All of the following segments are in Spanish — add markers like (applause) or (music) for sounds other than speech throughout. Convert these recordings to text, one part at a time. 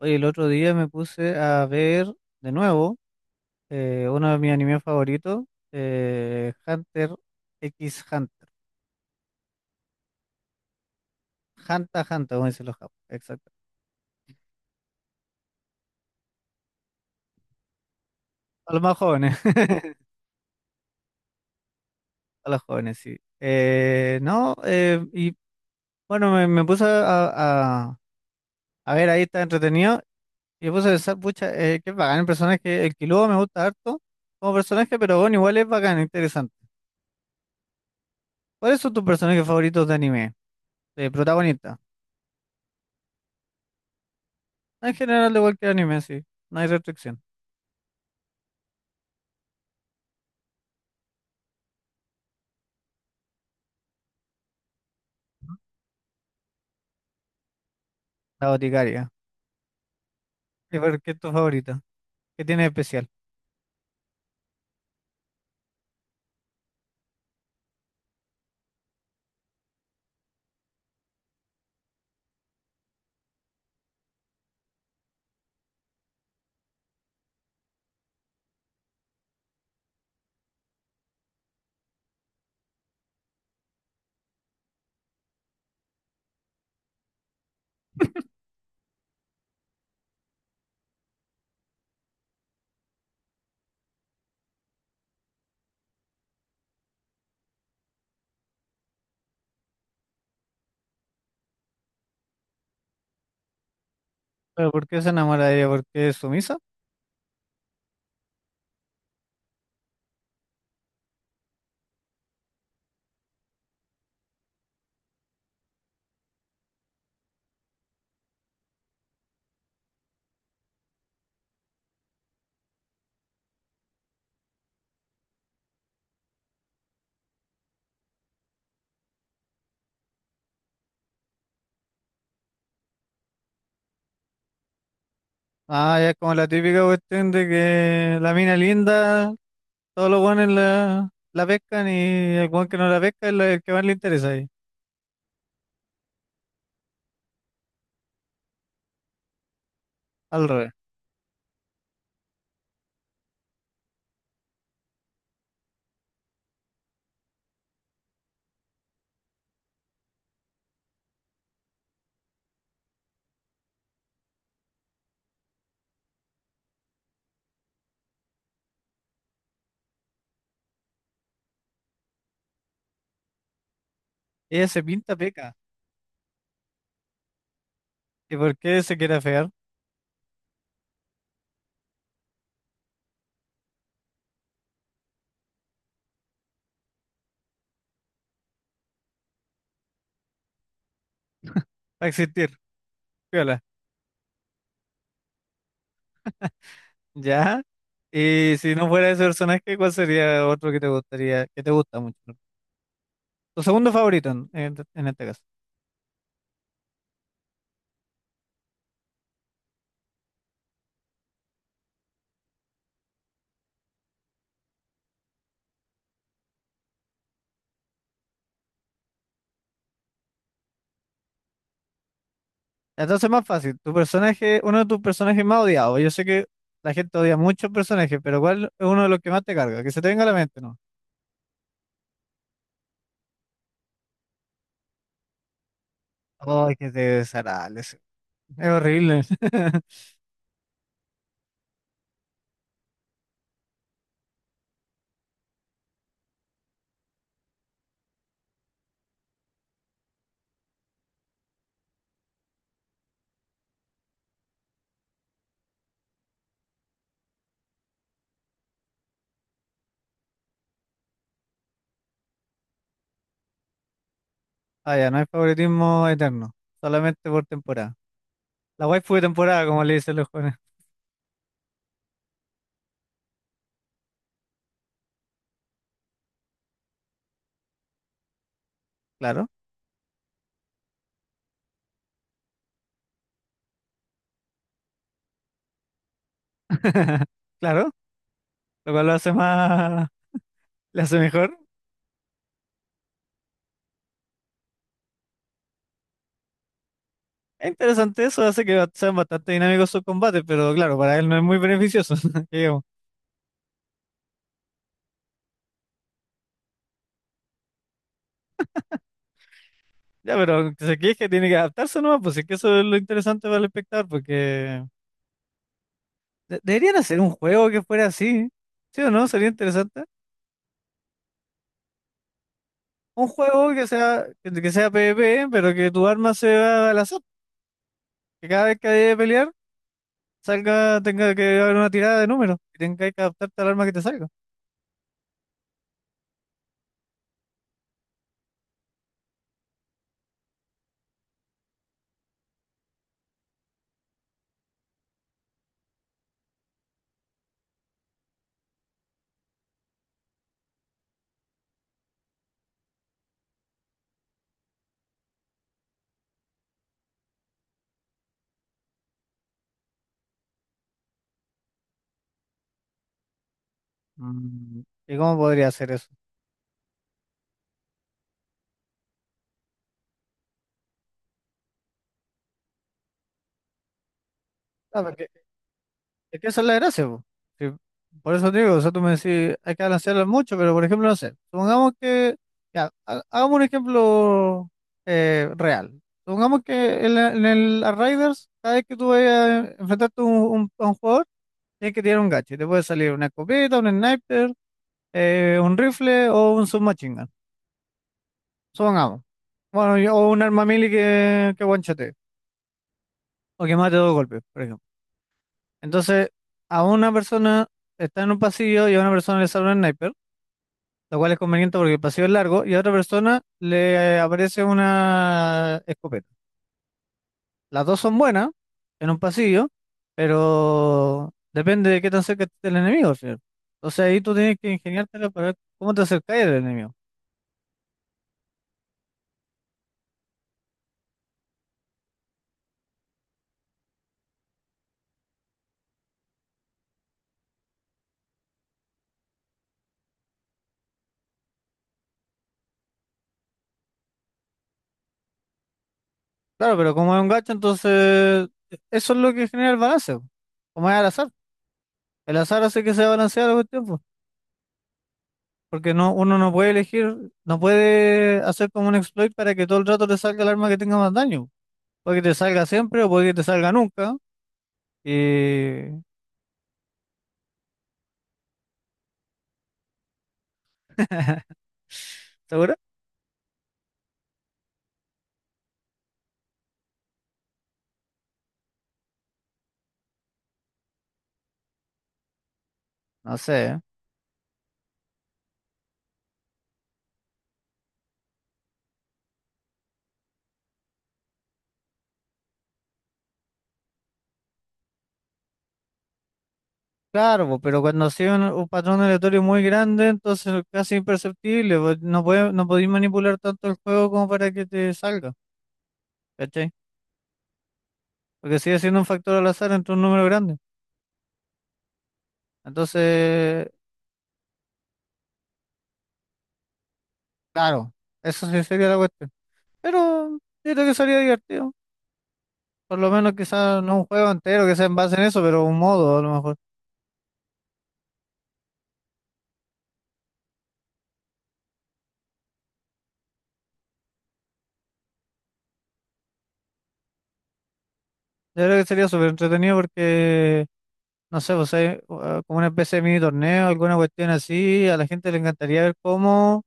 Oye, el otro día me puse a ver de nuevo uno de mis animes favoritos, Hunter X Hunter. Hunter x Hunter, como dicen los japoneses. Exacto. A los más jóvenes, (laughs) a los jóvenes, sí. No, bueno, me puse a, a- a ver ahí, está entretenido. Y me puse a pensar, pucha, qué bacán el personaje. El Killua me gusta harto como personaje, pero bueno, igual es bacán, interesante. ¿Cuáles son tus personajes favoritos de anime? De protagonista. En general, de cualquier anime, sí. No hay restricción. La boticaria. ¿Y por qué es tu favorita? ¿Qué tiene de especial? ¿Pero por qué se enamora de ella? ¿Por qué es sumisa? Ah, ya es como la típica cuestión de que la mina linda, todos los buenos la pescan y el buen que no la pesca el que más le interesa ahí. Al revés. Ella se pinta peca. ¿Y por qué se quiere afear? Para existir. Piola. ¿Ya? Y si no fuera ese personaje, ¿cuál sería otro que te gustaría, que te gusta mucho? Tu segundo favorito en este caso. Entonces más fácil, tu personaje, uno de tus personajes más odiados. Yo sé que la gente odia muchos personajes, pero ¿cuál es uno de los que más te carga? Que se te venga a la mente, ¿no? Ay, que desagradable ese. Es horrible. (laughs) Ah, ya, no hay favoritismo eterno, solamente por temporada. La waifu de temporada, como le dicen los jóvenes. Claro, (laughs) claro, lo cual lo hace más, le hace mejor. Es interesante eso, hace que sean bastante dinámicos sus combates, pero claro, para él no es muy beneficioso, (laughs) que digamos. Ya, pero si es que se que tiene que adaptarse nomás, pues si es que eso es lo interesante para el espectador, porque deberían hacer un juego que fuera así, ¿sí o no? Sería interesante. Un juego que sea PvP, pero que tu arma sea al azar, que cada vez que haya que pelear, salga, tenga que haber una tirada de números, y tenga que adaptarte al arma que te salga. Mm, ¿y cómo podría hacer eso? Es que esa es la gracia, po. Sí. Por eso te digo, o sea, tú me decís, hay que balancearlo mucho, pero por ejemplo, no sé, supongamos que, ya, hagamos un ejemplo real. Supongamos que en, en el Arrivals, cada vez que tú vayas a enfrentarte a un, a un jugador, tienes que tirar un gacho. Y te puede salir una escopeta, un sniper, un rifle o un submachine gun. Supongamos. Bueno, o un arma melee que one o que mate dos golpes, por ejemplo. Entonces, a una persona está en un pasillo y a una persona le sale un sniper, lo cual es conveniente porque el pasillo es largo, y a otra persona le aparece una escopeta. Las dos son buenas en un pasillo, pero depende de qué tan cerca esté el enemigo, ¿sí? Entonces ahí tú tienes que ingeniártela para ver cómo te acercáis al enemigo. Claro, pero como es un gacho, entonces eso es lo que genera el balance, po, como es al azar. El azar hace que se balancea la cuestión, po, porque no, uno no puede elegir, no puede hacer como un exploit para que todo el rato te salga el arma que tenga más daño. Puede que te salga siempre o puede que te salga nunca. Y... (laughs) ¿Seguro? No sé. Claro, po, pero cuando sigue un patrón aleatorio muy grande, entonces es casi imperceptible, po. No puede, no podéis manipular tanto el juego como para que te salga, ¿cachai? Porque sigue siendo un factor al azar entre un número grande. Entonces, claro, eso sí sería la cuestión. Pero yo creo que sería divertido. Por lo menos quizás no un juego entero que sea en base en eso, pero un modo a lo mejor. Yo creo que sería súper entretenido porque no sé, pues hay, como una especie de mini torneo, alguna cuestión así, a la gente le encantaría ver cómo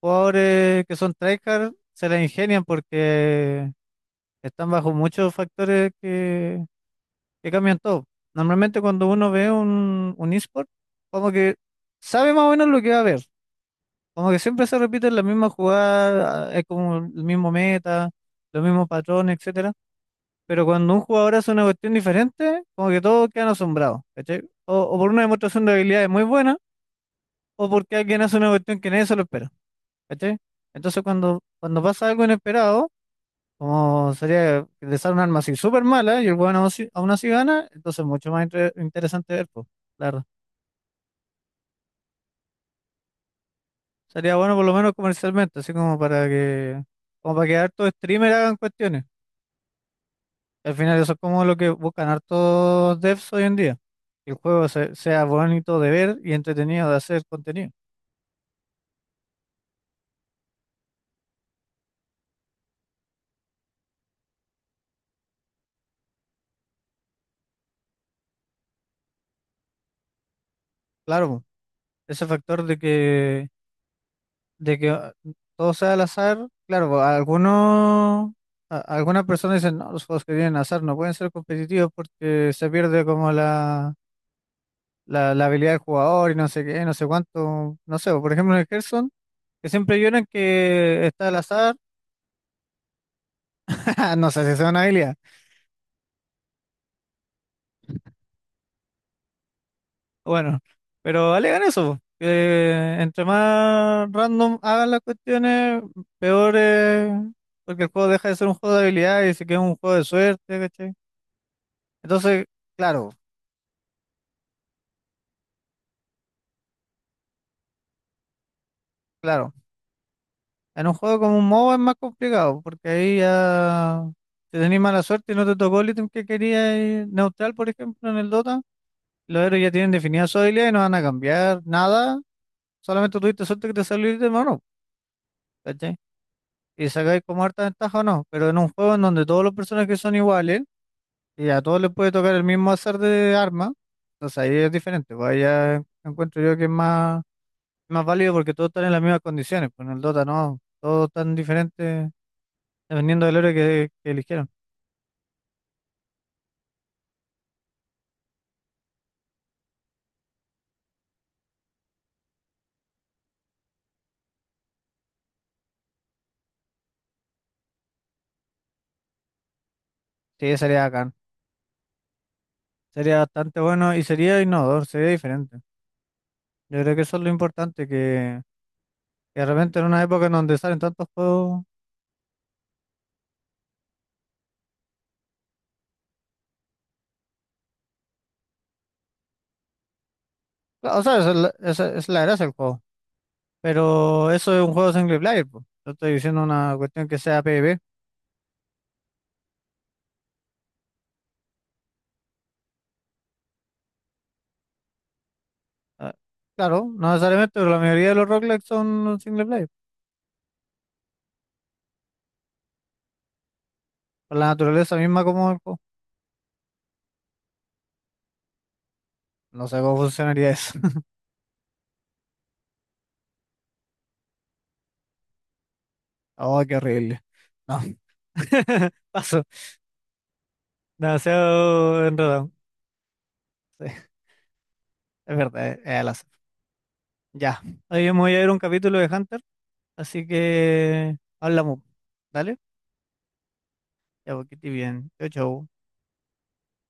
jugadores que son tryhard se la ingenian porque están bajo muchos factores que cambian todo. Normalmente cuando uno ve un eSport, como que sabe más o menos lo que va a ver, como que siempre se repiten las mismas jugadas, ah, es como el mismo meta, los mismos patrones, etcétera, pero cuando un jugador hace una cuestión diferente, como que todos quedan asombrados, ¿cachai? O por una demostración de habilidades muy buena, o porque alguien hace una cuestión que nadie se lo espera, ¿cachai? Entonces cuando, cuando pasa algo inesperado, como sería que le sale un arma así súper mala y el weón aún así gana, entonces es mucho más interesante ver, pues, claro. Sería bueno por lo menos comercialmente, así como para que hartos streamers hagan cuestiones. Al final eso es como lo que buscan hartos devs hoy en día, el juego sea bonito de ver y entretenido de hacer contenido. Claro, po, ese factor de que ah, todo sea al azar, claro, po, algunos, algunas personas dicen, no, los juegos que tienen azar no pueden ser competitivos porque se pierde como la habilidad del jugador y no sé qué, no sé cuánto, no sé, po, por ejemplo en el Hearthstone, que siempre lloran que está al azar, (laughs) no sé si es una habilidad. Bueno, pero alegan eso, po, que entre más random hagan las cuestiones, peor es, porque el juego deja de ser un juego de habilidad y se queda un juego de suerte, ¿cachai? Entonces, claro, claro, en un juego como un MOBA es más complicado, porque ahí ya, si tenés mala suerte y no te tocó el ítem que querías, y neutral, por ejemplo, en el Dota, los héroes ya tienen definida su habilidad y no van a cambiar nada, solamente tuviste suerte que te salió el ítem o no, ¿cachai? Y sacáis como harta ventaja o no, pero en un juego en donde todos los personajes son iguales y a todos les puede tocar el mismo azar de arma, entonces ahí es diferente, pues ahí ya encuentro yo que es más, más válido porque todos están en las mismas condiciones, pues en el Dota no, todos están diferentes dependiendo del héroe que eligieron. Sí, sería acá, sería bastante bueno y sería innovador, sería diferente. Yo creo que eso es lo importante, que de repente en una época en donde salen tantos juegos, claro, o sea, esa es la gracia del juego. Pero eso es un juego single player, po. Yo estoy diciendo una cuestión que sea PvP. Ah, claro, no necesariamente, pero la mayoría de los rock son single player. Por la naturaleza misma como el juego. No sé cómo funcionaría eso. (laughs) Oh, qué horrible. No. (laughs) Paso. Demasiado enredado. Sí, es verdad, es al azar. Ya. Hoy yo me voy a ver un capítulo de Hunter, así que hablamos. ¿Dale? Ya, porque estoy bien. Chau, chau.